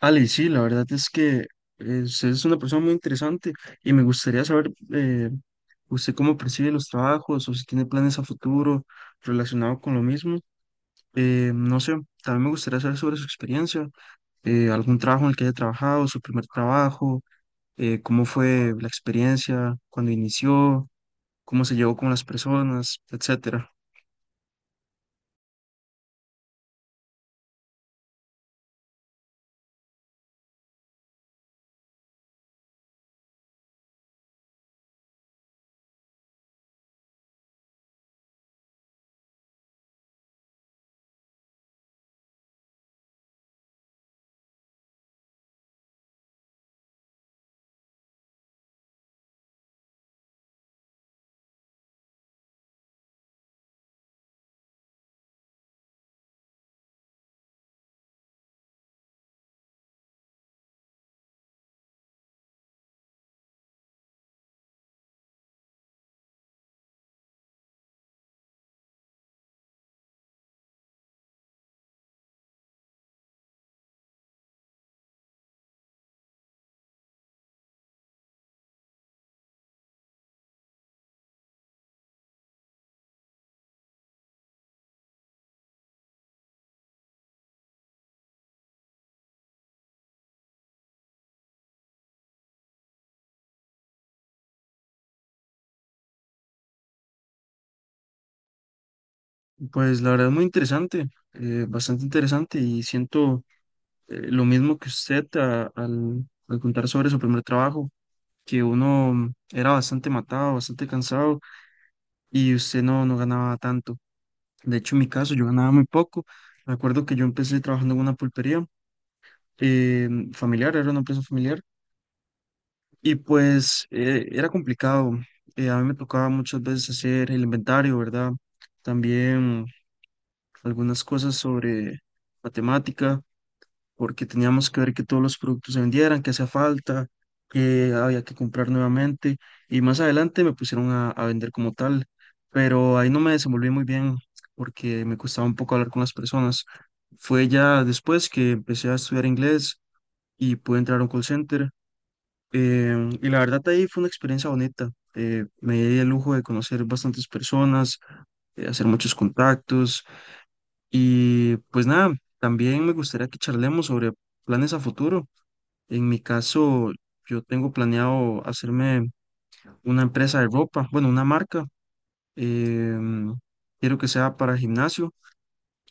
Ale, sí, la verdad es que usted es una persona muy interesante y me gustaría saber, usted cómo percibe los trabajos o si tiene planes a futuro relacionado con lo mismo. No sé, también me gustaría saber sobre su experiencia, algún trabajo en el que haya trabajado, su primer trabajo, cómo fue la experiencia, cuando inició, cómo se llevó con las personas, etcétera. Pues la verdad es muy interesante, bastante interesante y siento lo mismo que usted al contar sobre su primer trabajo, que uno era bastante matado, bastante cansado y usted no ganaba tanto. De hecho, en mi caso, yo ganaba muy poco. Me acuerdo que yo empecé trabajando en una pulpería familiar, era una empresa familiar, y pues era complicado. A mí me tocaba muchas veces hacer el inventario, ¿verdad? También algunas cosas sobre matemática porque teníamos que ver que todos los productos se vendieran, que hacía falta, que había que comprar nuevamente y más adelante me pusieron a vender como tal, pero ahí no me desenvolví muy bien porque me costaba un poco hablar con las personas. Fue ya después que empecé a estudiar inglés y pude entrar a un call center, y la verdad ahí fue una experiencia bonita. Me di el lujo de conocer bastantes personas, hacer muchos contactos y pues nada, también me gustaría que charlemos sobre planes a futuro. En mi caso, yo tengo planeado hacerme una empresa de ropa, bueno, una marca. em, Quiero que sea para gimnasio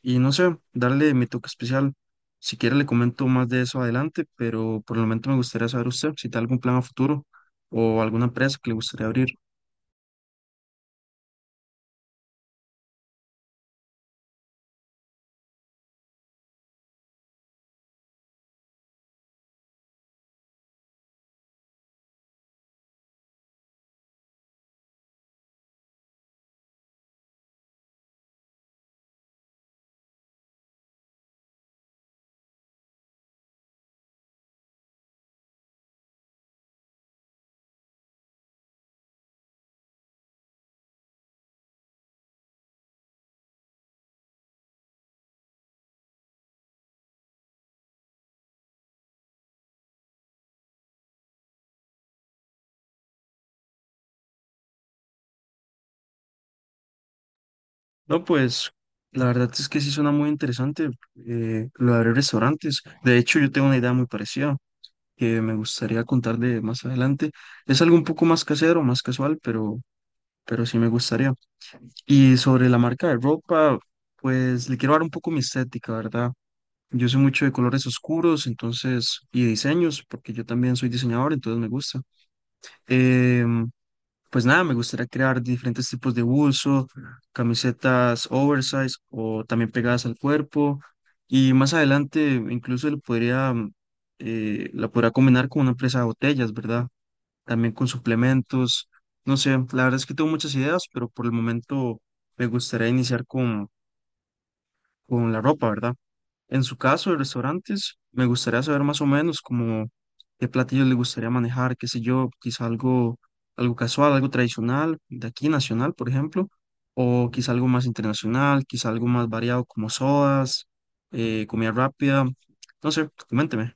y no sé, darle mi toque especial. Si quiere, le comento más de eso adelante, pero por el momento me gustaría saber usted si tiene algún plan a futuro o alguna empresa que le gustaría abrir. No, pues la verdad es que sí suena muy interesante, lo de abrir restaurantes. De hecho, yo tengo una idea muy parecida que me gustaría contarle más adelante. Es algo un poco más casero, más casual, pero sí me gustaría. Y sobre la marca de ropa, pues le quiero dar un poco mi estética, ¿verdad? Yo soy mucho de colores oscuros, entonces, y diseños, porque yo también soy diseñador, entonces me gusta. Em, pues nada, me gustaría crear diferentes tipos de bolso, camisetas oversize o también pegadas al cuerpo. Y más adelante, incluso le podría, la podría combinar con una empresa de botellas, ¿verdad? También con suplementos. No sé, la verdad es que tengo muchas ideas, pero por el momento me gustaría iniciar con la ropa, ¿verdad? En su caso, de restaurantes, me gustaría saber más o menos como qué platillos le gustaría manejar, qué sé yo, quizá algo, algo casual, algo tradicional, de aquí nacional, por ejemplo, o quizá algo más internacional, quizá algo más variado como sodas, comida rápida, no sé, coménteme.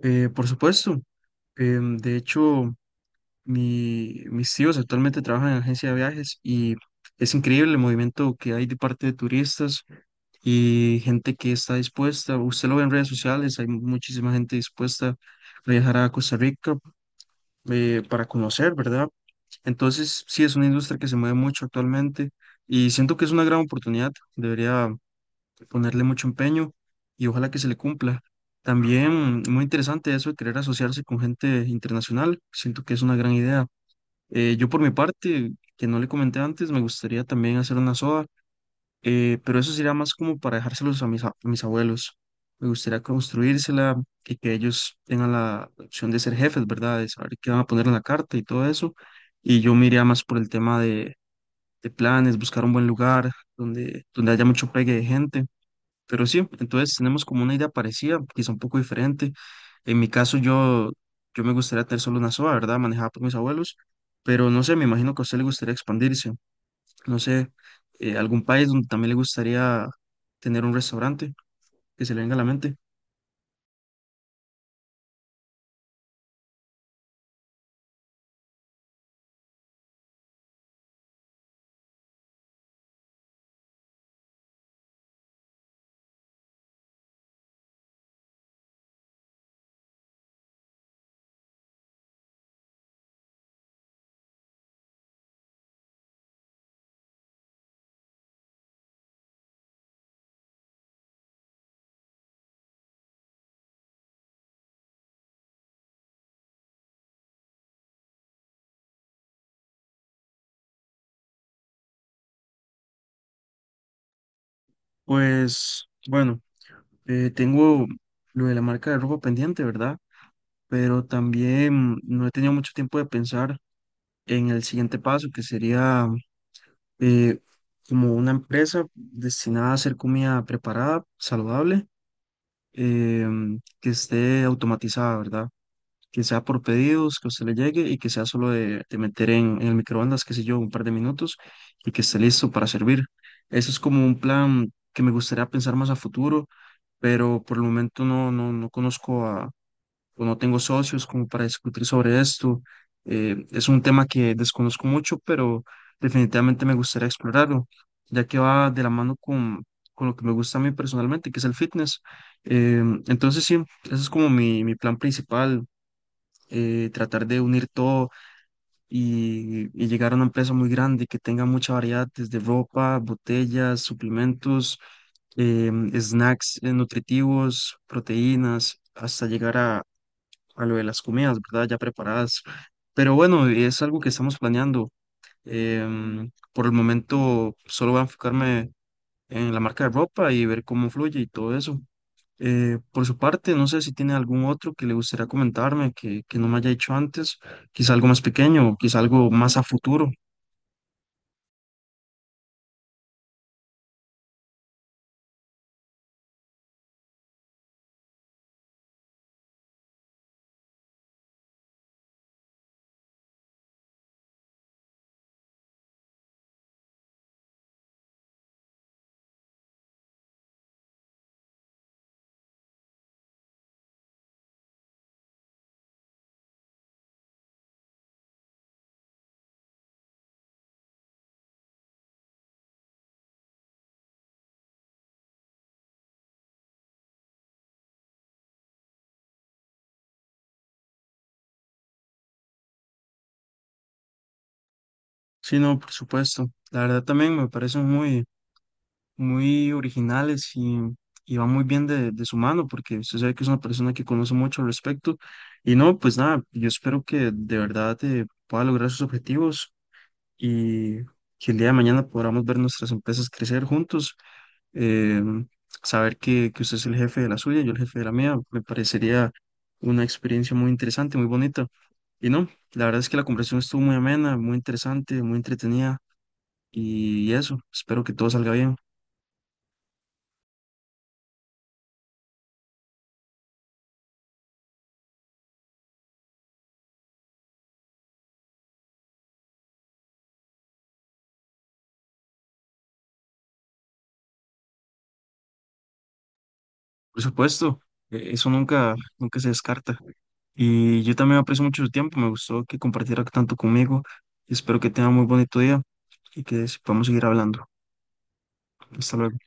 Por supuesto, de hecho... Mis tíos actualmente trabajan en agencia de viajes y es increíble el movimiento que hay de parte de turistas y gente que está dispuesta. Usted lo ve en redes sociales, hay muchísima gente dispuesta a viajar a Costa Rica, para conocer, ¿verdad? Entonces, sí, es una industria que se mueve mucho actualmente y siento que es una gran oportunidad. Debería ponerle mucho empeño y ojalá que se le cumpla. También muy interesante eso de querer asociarse con gente internacional. Siento que es una gran idea. Yo por mi parte, que no le comenté antes, me gustaría también hacer una soda, pero eso sería más como para dejárselos a a mis abuelos. Me gustaría construírsela y que ellos tengan la opción de ser jefes, ¿verdad? De saber qué van a poner en la carta y todo eso. Y yo me iría más por el tema de planes, buscar un buen lugar donde haya mucho pegue de gente. Pero sí, entonces tenemos como una idea parecida, quizá un poco diferente. En mi caso, yo me gustaría tener solo una soda, ¿verdad? Manejada por mis abuelos, pero no sé, me imagino que a usted le gustaría expandirse. No sé, algún país donde también le gustaría tener un restaurante que se le venga a la mente. Pues bueno, tengo lo de la marca de ropa pendiente, ¿verdad? Pero también no he tenido mucho tiempo de pensar en el siguiente paso, que sería eh, como una empresa destinada a hacer comida preparada, saludable, que esté automatizada, ¿verdad? Que sea por pedidos, que a usted le llegue y que sea solo de meter en el microondas, qué sé yo, un par de minutos y que esté listo para servir. Eso es como un plan que me gustaría pensar más a futuro, pero por el momento no conozco o no tengo socios como para discutir sobre esto. Es un tema que desconozco mucho, pero definitivamente me gustaría explorarlo, ya que va de la mano con lo que me gusta a mí personalmente, que es el fitness. Eh, entonces sí, ese es como mi plan principal, tratar de unir todo y llegar a una empresa muy grande que tenga mucha variedad, desde ropa, botellas, suplementos, snacks, nutritivos, proteínas, hasta llegar a lo de las comidas, ¿verdad? Ya preparadas. Pero bueno, es algo que estamos planeando. Por el momento solo voy a enfocarme en la marca de ropa y ver cómo fluye y todo eso. Por su parte, no sé si tiene algún otro que le gustaría comentarme que no me haya dicho antes, quizá algo más pequeño, o quizá algo más a futuro. Sí, no, por supuesto. La verdad también me parece muy, muy originales y va muy bien de su mano, porque usted sabe que es una persona que conoce mucho al respecto. Y no, pues nada, yo espero que de verdad pueda lograr sus objetivos y que el día de mañana podamos ver nuestras empresas crecer juntos. eh, Saber que usted es el jefe de la suya, yo el jefe de la mía, me parecería una experiencia muy interesante, muy bonita. Y no, la verdad es que la conversación estuvo muy amena, muy interesante, muy entretenida. Y eso, espero que todo salga bien. Por supuesto, eso nunca, nunca se descarta. Y yo también aprecio mucho su tiempo, me gustó que compartiera tanto conmigo. Espero que tenga muy bonito día y que podamos seguir hablando. Hasta luego.